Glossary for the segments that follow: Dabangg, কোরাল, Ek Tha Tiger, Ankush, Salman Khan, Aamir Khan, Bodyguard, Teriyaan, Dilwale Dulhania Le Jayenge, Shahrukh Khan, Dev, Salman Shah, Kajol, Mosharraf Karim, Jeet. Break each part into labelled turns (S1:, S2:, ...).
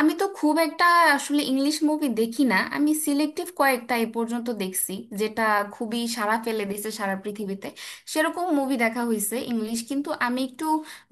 S1: আমি তো খুব একটা আসলে ইংলিশ মুভি দেখি না। আমি সিলেক্টিভ কয়েকটা এ পর্যন্ত দেখছি, যেটা খুবই সাড়া ফেলে দিয়েছে সারা পৃথিবীতে সেরকম মুভি দেখা হয়েছে ইংলিশ, কিন্তু আমি একটু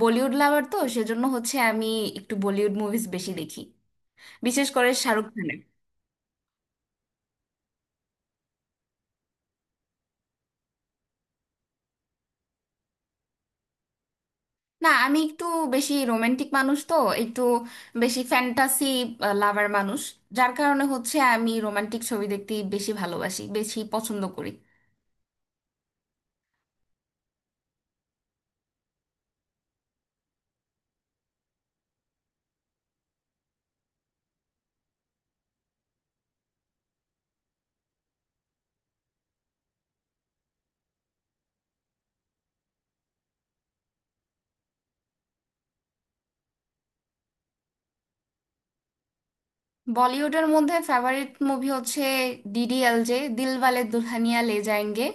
S1: বলিউড লাভার তো, সেজন্য হচ্ছে আমি একটু বলিউড মুভিজ বেশি দেখি, বিশেষ করে শাহরুখ খানের। না, আমি একটু বেশি রোমান্টিক মানুষ তো, একটু বেশি ফ্যান্টাসি লাভার মানুষ, যার কারণে হচ্ছে আমি রোমান্টিক ছবি দেখতে বেশি ভালোবাসি, বেশি পছন্দ করি। বলিউডের মধ্যে ফেভারিট মুভি হচ্ছে ডিডিএলজে, দিলওয়ালে দুলহানিয়া লে যায়েঙ্গে।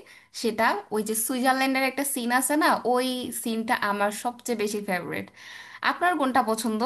S1: সেটা ওই যে সুইজারল্যান্ডের একটা সিন আছে না, ওই সিনটা আমার সবচেয়ে বেশি ফেভারিট। আপনার কোনটা পছন্দ?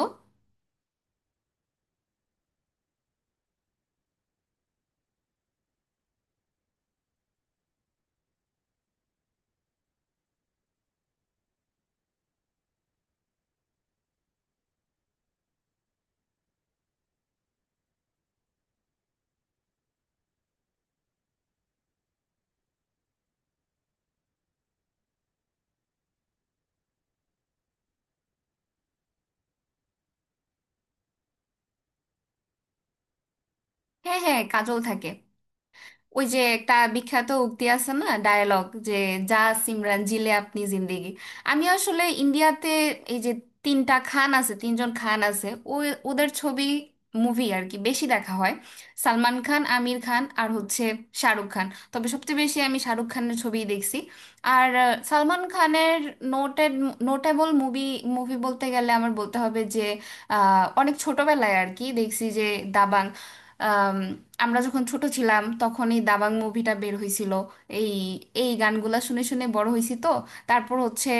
S1: হ্যাঁ হ্যাঁ, কাজল থাকে। ওই যে একটা বিখ্যাত উক্তি আছে না, ডায়ালগ, যে যা সিমরান জিলে আপনি জিন্দেগি। আমি আসলে ইন্ডিয়াতে এই যে তিনটা খান আছে, তিনজন খান আছে, ওই ওদের ছবি, মুভি আর কি বেশি দেখা হয়। সালমান খান, আমির খান আর হচ্ছে শাহরুখ খান। তবে সবচেয়ে বেশি আমি শাহরুখ খানের ছবিই দেখছি। আর সালমান খানের নোটেড নোটেবল মুভি মুভি বলতে গেলে আমার বলতে হবে যে অনেক ছোটবেলায় আর কি দেখছি, যে দাবাং। আমরা যখন ছোট ছিলাম তখন এই দাবাং মুভিটা বের হয়েছিল। এই এই গানগুলা শুনে শুনে বড় হয়েছি তো। তারপর হচ্ছে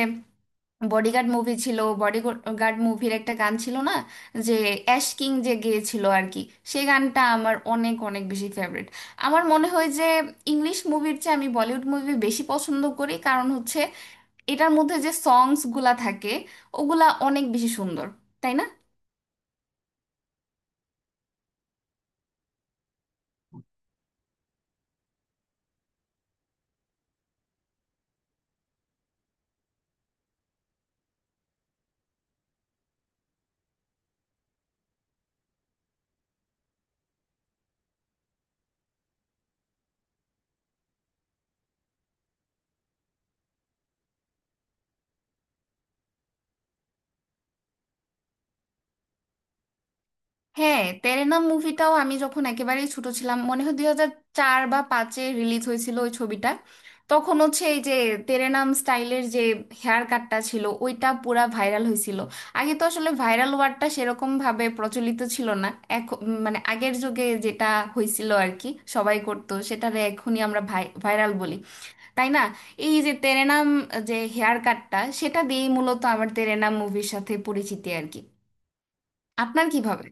S1: বডিগার্ড মুভি ছিল, বডিগার্ড মুভির একটা গান ছিল না, যে অ্যাশ কিং যে গেয়েছিল আর কি, সেই গানটা আমার অনেক অনেক বেশি ফেভারিট। আমার মনে হয় যে ইংলিশ মুভির চেয়ে আমি বলিউড মুভি বেশি পছন্দ করি, কারণ হচ্ছে এটার মধ্যে যে সংসগুলা থাকে, ওগুলা অনেক বেশি সুন্দর, তাই না? হ্যাঁ, তেরেনা মুভিটাও আমি যখন একেবারেই ছোট ছিলাম, মনে হয় 2004 বা 2005-এ রিলিজ হয়েছিল ওই ছবিটা। তখন হচ্ছে এই যে তেরেনাম স্টাইলের যে হেয়ার কাটটা ছিল, ওইটা পুরা ভাইরাল হয়েছিল। আগে তো আসলে ভাইরাল ওয়ার্ডটা সেরকম ভাবে প্রচলিত ছিল না এখন, মানে আগের যুগে যেটা হয়েছিল আর কি, সবাই করতো, সেটারে এখনই আমরা ভাইরাল বলি, তাই না? এই যে তেরেনাম, যে হেয়ার কাটটা, সেটা দিয়েই মূলত আমার তেরেনাম মুভির সাথে পরিচিতি আর কি। আপনার কিভাবে?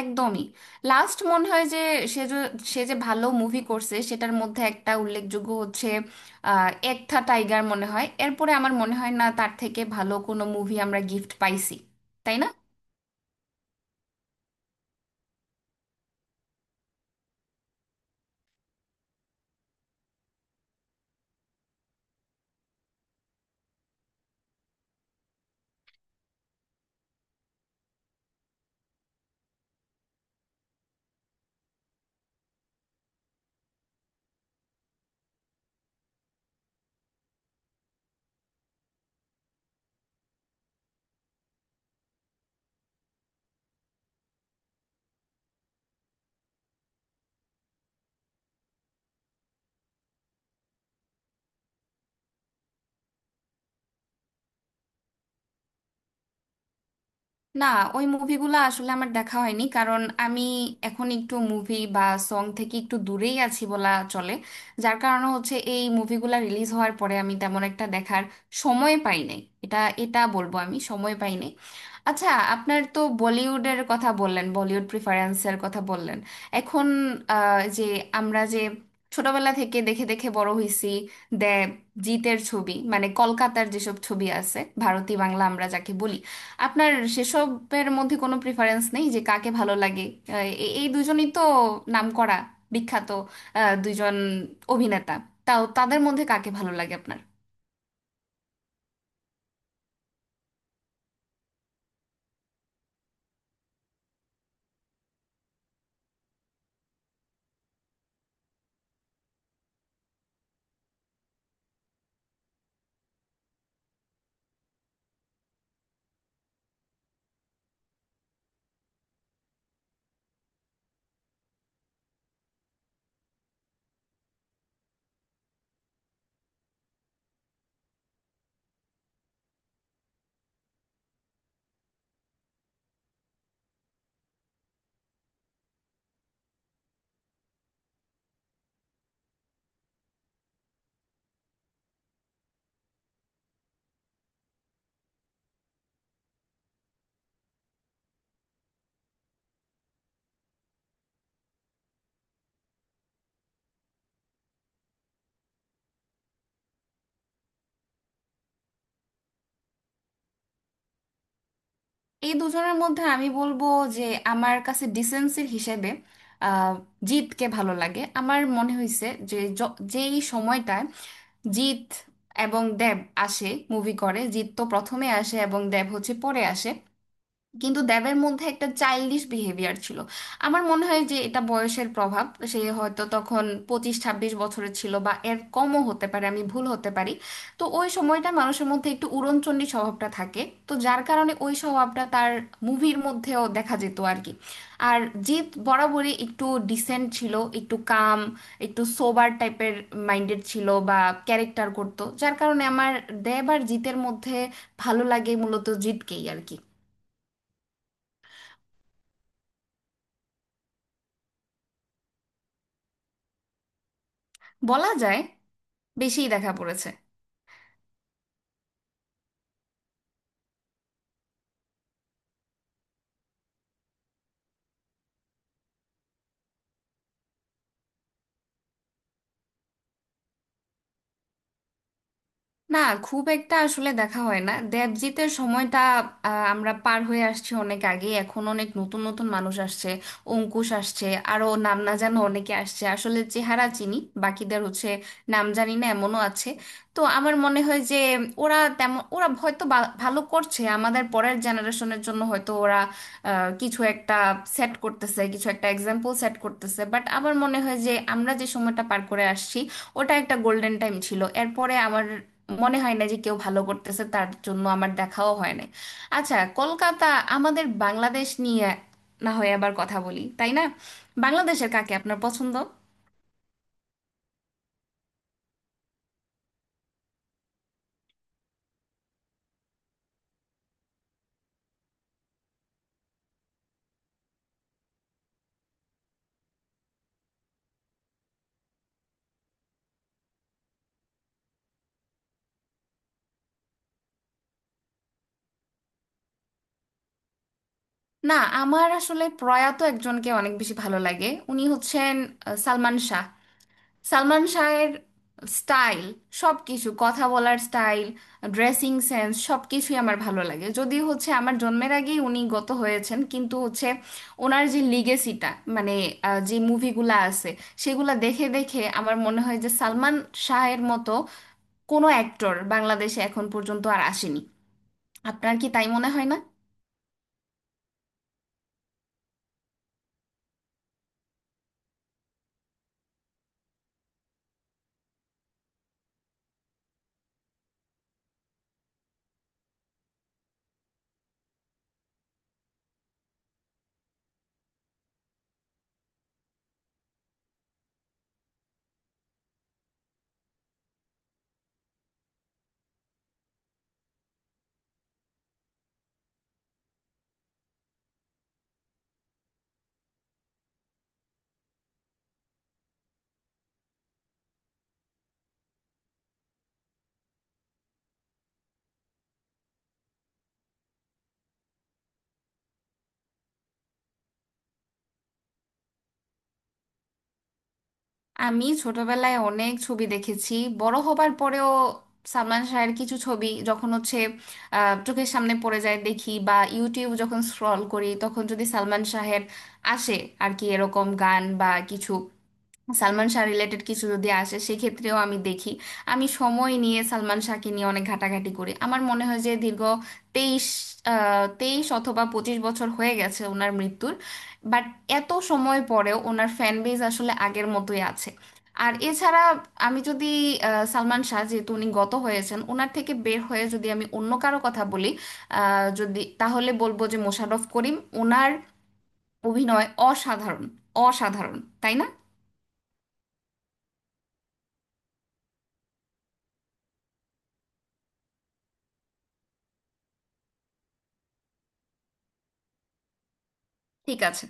S1: একদমই। লাস্ট মনে হয় যে সে যে সে যে ভালো মুভি করছে, সেটার মধ্যে একটা উল্লেখযোগ্য হচ্ছে এক থা টাইগার। মনে হয় এরপরে আমার মনে হয় না তার থেকে ভালো কোনো মুভি আমরা গিফট পাইছি, তাই না? না, ওই মুভিগুলো আসলে আমার দেখা হয়নি, কারণ আমি এখন একটু মুভি বা সং থেকে একটু দূরেই আছি বলা চলে। যার কারণে হচ্ছে এই মুভিগুলো রিলিজ হওয়ার পরে আমি তেমন একটা দেখার সময় পাই নাই। এটা এটা বলবো, আমি সময় পাই নাই। আচ্ছা, আপনার তো বলিউডের কথা বললেন, বলিউড প্রিফারেন্সের কথা বললেন। এখন যে আমরা যে ছোটবেলা থেকে দেখে দেখে বড় হইছি দেব জিতের ছবি, মানে কলকাতার যেসব ছবি আছে, ভারতী বাংলা আমরা যাকে বলি, আপনার সেসবের মধ্যে কোনো প্রিফারেন্স নেই, যে কাকে ভালো লাগে? এই দুজনই তো নামকরা, বিখ্যাত দুইজন অভিনেতা। তাও তাদের মধ্যে কাকে ভালো লাগে আপনার? এই দুজনের মধ্যে আমি বলবো যে আমার কাছে ডিসেন্সির হিসেবে আহ, জিৎকে ভালো লাগে। আমার মনে হয়েছে যে যেই সময়টায় জিৎ এবং দেব আসে, মুভি করে, জিৎ তো প্রথমে আসে এবং দেব হচ্ছে পরে আসে, কিন্তু দেবের মধ্যে একটা চাইল্ডিশ বিহেভিয়ার ছিল। আমার মনে হয় যে এটা বয়সের প্রভাব। সে হয়তো তখন 25-26 বছরের ছিল বা এর কমও হতে পারে, আমি ভুল হতে পারি। তো ওই সময়টা মানুষের মধ্যে একটু উড়নচণ্ডী স্বভাবটা থাকে। তো যার কারণে ওই স্বভাবটা তার মুভির মধ্যেও দেখা যেত আর কি। আর জিৎ বরাবরই একটু ডিসেন্ট ছিল, একটু কাম, একটু সোবার টাইপের মাইন্ডেড ছিল বা ক্যারেক্টার করতো, যার কারণে আমার দেব আর জিতের মধ্যে ভালো লাগে মূলত জিতকেই আর কি। বলা যায় বেশিই দেখা পড়েছে। না, খুব একটা আসলে দেখা হয় না। দেবজিতের সময়টা আমরা পার হয়ে আসছি অনেক আগে। এখন অনেক নতুন নতুন মানুষ আসছে, অঙ্কুশ আসছে, আরো নাম না জানা অনেকে আসছে, আসলে চেহারা চিনি বাকিদের, হচ্ছে নাম জানি না এমনও আছে। তো আমার মনে হয় যে ওরা হয়তো ভালো করছে আমাদের পরের জেনারেশনের জন্য, হয়তো ওরা কিছু একটা সেট করতেছে, কিছু একটা এক্সাম্পল সেট করতেছে, বাট আমার মনে হয় যে আমরা যে সময়টা পার করে আসছি ওটা একটা গোল্ডেন টাইম ছিল। এরপরে আমার মনে হয় না যে কেউ ভালো করতেছে, তার জন্য আমার দেখাও হয় নাই। আচ্ছা, কলকাতা, আমাদের বাংলাদেশ নিয়ে না হয় আবার কথা বলি, তাই না? বাংলাদেশের কাকে আপনার পছন্দ? না, আমার আসলে প্রয়াত একজনকে অনেক বেশি ভালো লাগে, উনি হচ্ছেন সালমান শাহ। সালমান শাহের স্টাইল, সব কিছু, কথা বলার স্টাইল, ড্রেসিং সেন্স, সব কিছুই আমার ভালো লাগে। যদি হচ্ছে আমার জন্মের আগেই উনি গত হয়েছেন, কিন্তু হচ্ছে ওনার যে লিগেসিটা, মানে যে মুভিগুলা আছে সেগুলা দেখে দেখে আমার মনে হয় যে সালমান শাহের মতো কোনো অ্যাক্টর বাংলাদেশে এখন পর্যন্ত আর আসেনি। আপনার কি তাই মনে হয় না? আমি ছোটবেলায় অনেক ছবি দেখেছি, বড় হবার পরেও সালমান শাহের কিছু ছবি যখন হচ্ছে চোখের সামনে পড়ে যায় দেখি, বা ইউটিউব যখন স্ক্রল করি তখন যদি সালমান শাহের আসে আর কি এরকম গান বা কিছু, সালমান শাহ রিলেটেড কিছু যদি আসে সেক্ষেত্রেও আমি দেখি। আমি সময় নিয়ে সালমান শাহকে নিয়ে অনেক ঘাটাঘাটি করি। আমার মনে হয় যে দীর্ঘ তেইশ 23 অথবা 25 বছর হয়ে গেছে ওনার মৃত্যুর, বাট এত সময় পরেও ওনার ফ্যান বেজ আসলে আগের মতোই আছে। আর এছাড়া আমি যদি সালমান শাহ যেহেতু উনি গত হয়েছেন, ওনার থেকে বের হয়ে যদি আমি অন্য কারো কথা বলি, যদি তাহলে বলবো যে মোশাররফ করিম। ওনার অভিনয় অসাধারণ, অসাধারণ, তাই না? ঠিক আছে।